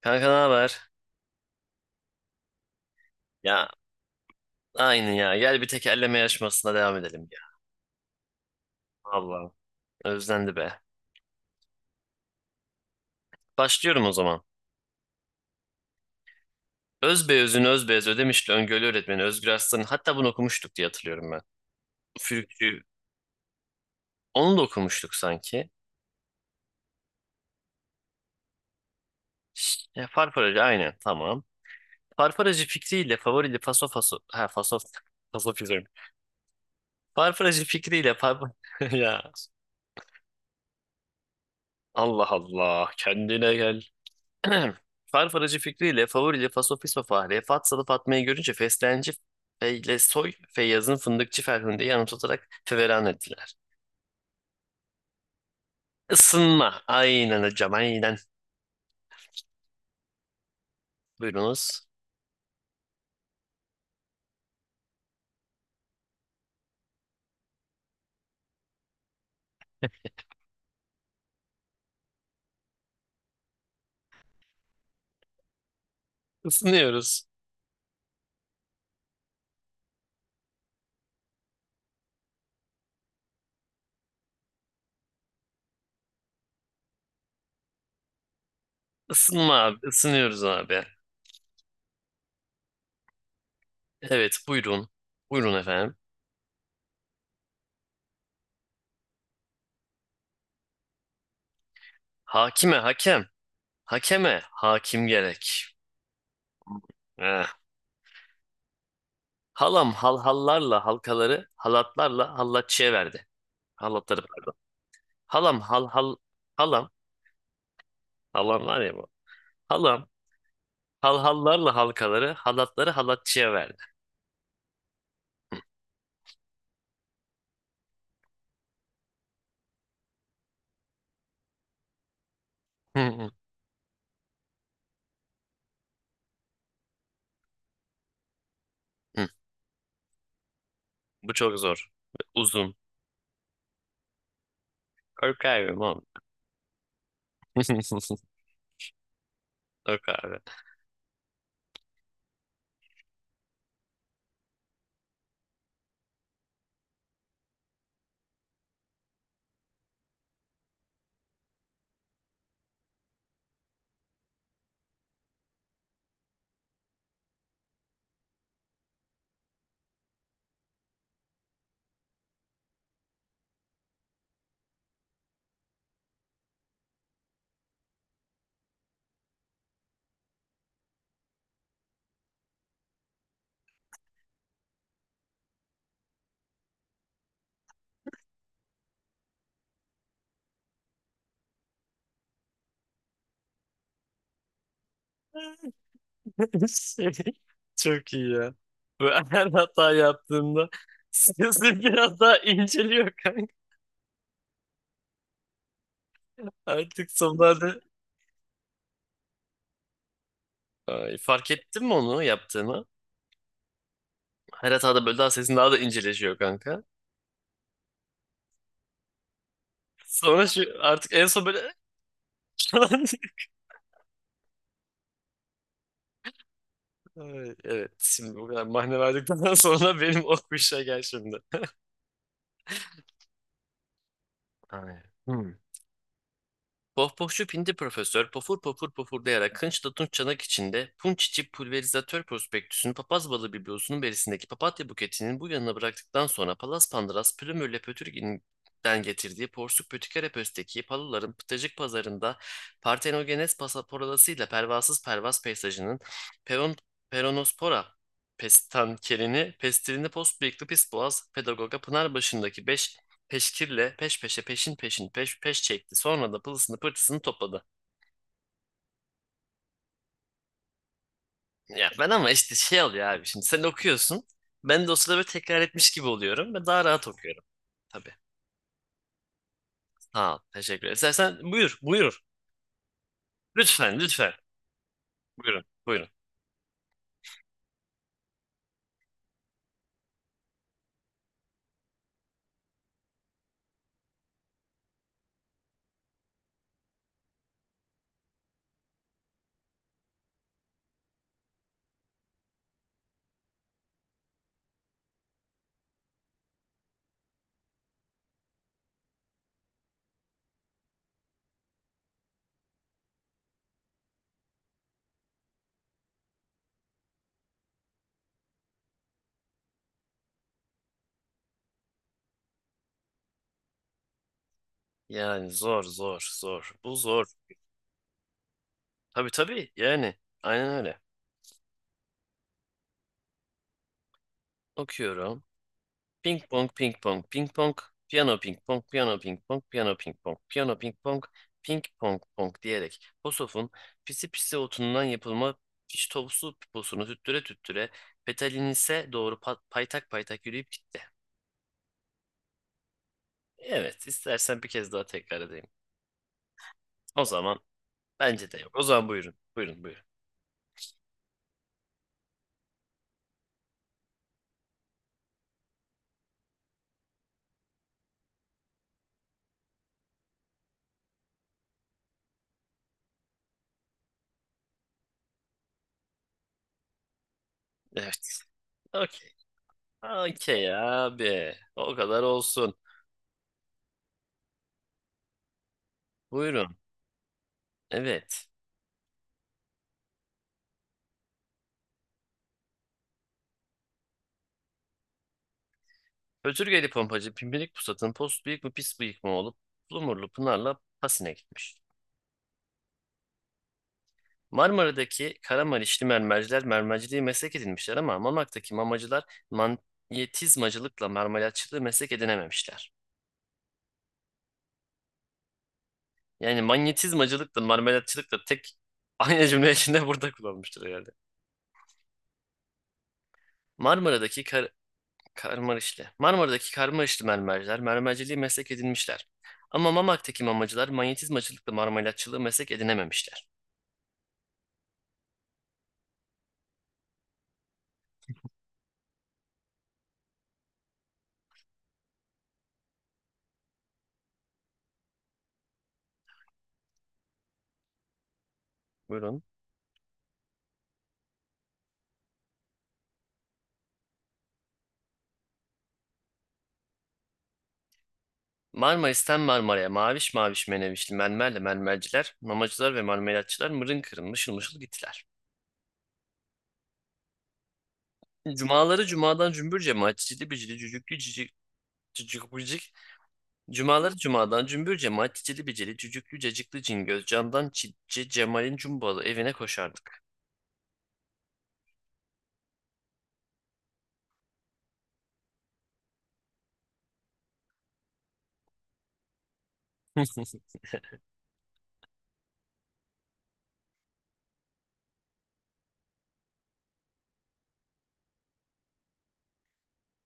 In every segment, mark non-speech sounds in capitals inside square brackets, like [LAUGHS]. Kanka ne haber? Ya aynı ya. Gel bir tekerleme yarışmasına devam edelim ya. Allah özlendi be. Başlıyorum o zaman. Özbeöz'ün Özbeöz Ödemişli Öngörü Öğretmeni Özgür Aslan'ın, hatta bunu okumuştuk diye hatırlıyorum ben. Üfürükçü. Onu da okumuştuk sanki. Farfaracı aynen tamam. Farfaracı fikriyle favorili faso faso. Ha faso. [LAUGHS] Faso Farfaracı fikriyle par... [LAUGHS] ya Allah Allah kendine gel. [CLEARS THROAT] Farfaracı Fikri ile Favori Fasofisfa Fahriye Fat Salı Fatma'yı görünce Feslenci Feylesoy Feyyaz'ın Fındıkçı Ferhunde'yi anımsatarak feveran ettiler. Isınma. Aynen hocam aynen. Buyurunuz. Isınıyoruz. Isınma abi, isınıyoruz abi. Evet, buyurun. Buyurun efendim. Hakime hakem. Hakeme hakim gerek. Eh. Halam halhallarla halkaları halatlarla hallatçıya verdi. Halatları pardon. Halam hal hal halam halam var ya bu. Halam halhallarla halkaları, halatları halatçıya verdi. Hı hı. Bu çok zor. Uzun. Kork abi mom. [LAUGHS] Kork abi. [LAUGHS] Çok iyi ya. Bu [LAUGHS] her hata yaptığımda sesim biraz daha inceliyor kanka. Artık sonlarda ay, fark ettin mi onu yaptığını? Her hatada böyle daha sesin daha da inceleşiyor kanka. Sonra şu artık en son böyle [LAUGHS] falan diyor. Ay, evet, şimdi bu kadar mahne verdikten [LAUGHS] sonra benim o kuşa gel şimdi. Aynen. Hmm. Pohpohçu Pindi Profesör pofur pofur pofurlayarak kınçla tunç çanak içinde punç içi pulverizatör prospektüsünün papaz balı biblosunun berisindeki papatya buketinin bu yanına bıraktıktan sonra Palas Pandıras Plümürle Pötürgin'den getirdiği porsuk pötükere pösteki paluların pıtacık pazarında partenogenes pasaporalasıyla pervasız pervas peysajının peron, peronospora pestankerini, pestilini post boğaz pedagoga Pınarbaşı'ndaki 5 peşkirle peş peşe peşin peşin peş peş çekti. Sonra da pılısını pırtısını topladı. Ya ben ama işte şey oluyor abi, şimdi sen okuyorsun. Ben de o sırada böyle tekrar etmiş gibi oluyorum ve daha rahat okuyorum. Tabii. Sağ ol. Teşekkür ederim. İstersen buyur buyur. Lütfen lütfen. Buyurun buyurun. Yani zor zor zor. Bu zor. Tabii tabii, yani aynen öyle. Okuyorum. Ping pong, ping pong, ping pong, piyano ping pong, piyano ping pong, piyano ping pong, piyano ping pong, ping pong pong diyerek Posof'un pisi pisi otundan yapılma piştovsu piposunu tüttüre tüttüre Petalinis'e doğru paytak paytak yürüyüp gitti. Evet, istersen bir kez daha tekrar edeyim. O zaman bence de yok. O zaman buyurun, buyurun, buyurun. Evet, okey. Okey abi, o kadar olsun. Buyurun, evet. Özürgeli pompacı Pimpirik Pusat'ın post bıyık mı pis bıyık mı olup Lumurlu Pınar'la Pasin'e gitmiş. Marmara'daki Karamanişli mermerciler mermerciliği meslek edinmişler ama Mamak'taki mamacılar manyetizmacılıkla marmelatçılığı meslek edinememişler. Yani manyetizmacılıkla marmelatçılık da tek aynı cümle içinde [LAUGHS] burada kullanmıştır herhalde. Marmara'daki kar Karmarişli. Marmara'daki Karmarişli mermerciler mermerciliği meslek edinmişler. Ama Mamak'taki mamacılar manyetizmacılıkla marmelatçılığı meslek edinememişler. Buyurun. Marmaris'ten Marmara'ya maviş maviş menevişli mermerle mermerciler, mamacılar ve marmelatçılar mırın kırın mışıl mışıl gittiler. Cumaları cumadan cümbür cemaat cicili bicili cücüklü cicik cücük bicik. Cumaları cumadan cümbür cemaat cicili bicili cücüklü cacıklı cingöz camdan çitçi Cemal'in cumbalı evine koşardık. [LAUGHS]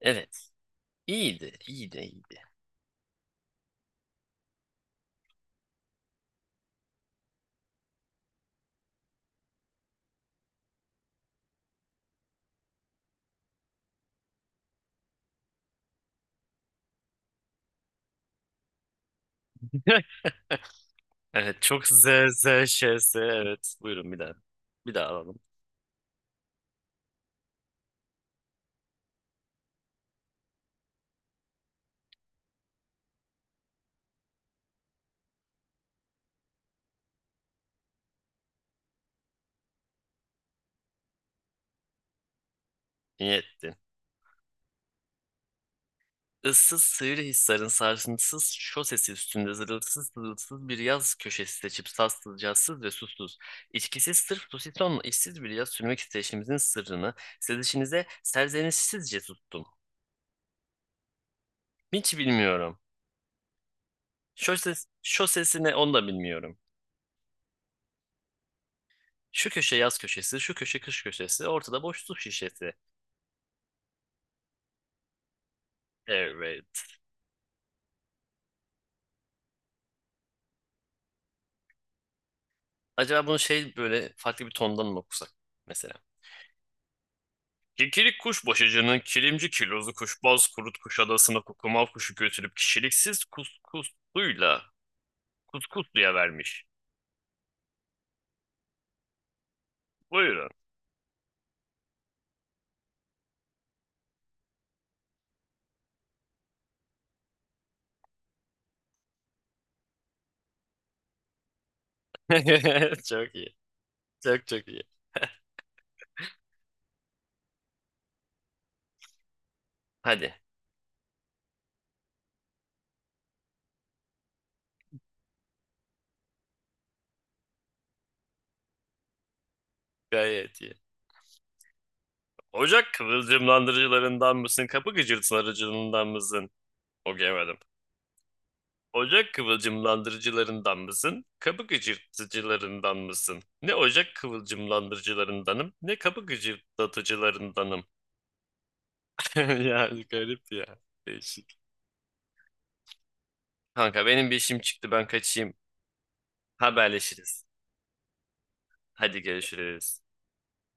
Evet. İyiydi, iyiydi, iyiydi. [LAUGHS] Evet, çok z z ş s. Evet, buyurun bir daha. Bir daha alalım. İyi ettin. Issız Sivrihisar'ın sarsıntısız şosesi üstünde zırılsız zırılsız bir yaz köşesi seçip sassız, cazsız ve susuz. İçkisiz sırf pusisonla işsiz bir yaz sürmek isteyişimizin sırrını sezişinize serzenişsizce tuttum. Hiç bilmiyorum. Şoses, şosesi ne onu da bilmiyorum. Şu köşe yaz köşesi, şu köşe kış köşesi, ortada boş su şişesi. Evet. Acaba bunu şey böyle farklı bir tondan mı okusak mesela? Kikirik kuşbaşıcının kilimci kilozu kuşbaz kurut kuş adasına kukumav kuşu götürüp kişiliksiz kuskusluyla kuskusluya vermiş. Buyurun. [LAUGHS] Çok iyi. Çok çok iyi. Hadi. Gayet iyi. Ocak kıvılcımlandırıcılarından mısın? Kapı gıcırtılarıcılığından mısın? Okuyamadım. Ocak kıvılcımlandırıcılarından mısın? Kapı gıcırtıcılarından mısın? Ne ocak kıvılcımlandırıcılarındanım, ne kapı gıcırtıcılarındanım. [LAUGHS] Yani garip ya. Değişik. Kanka benim bir işim çıktı, ben kaçayım. Haberleşiriz. Hadi görüşürüz.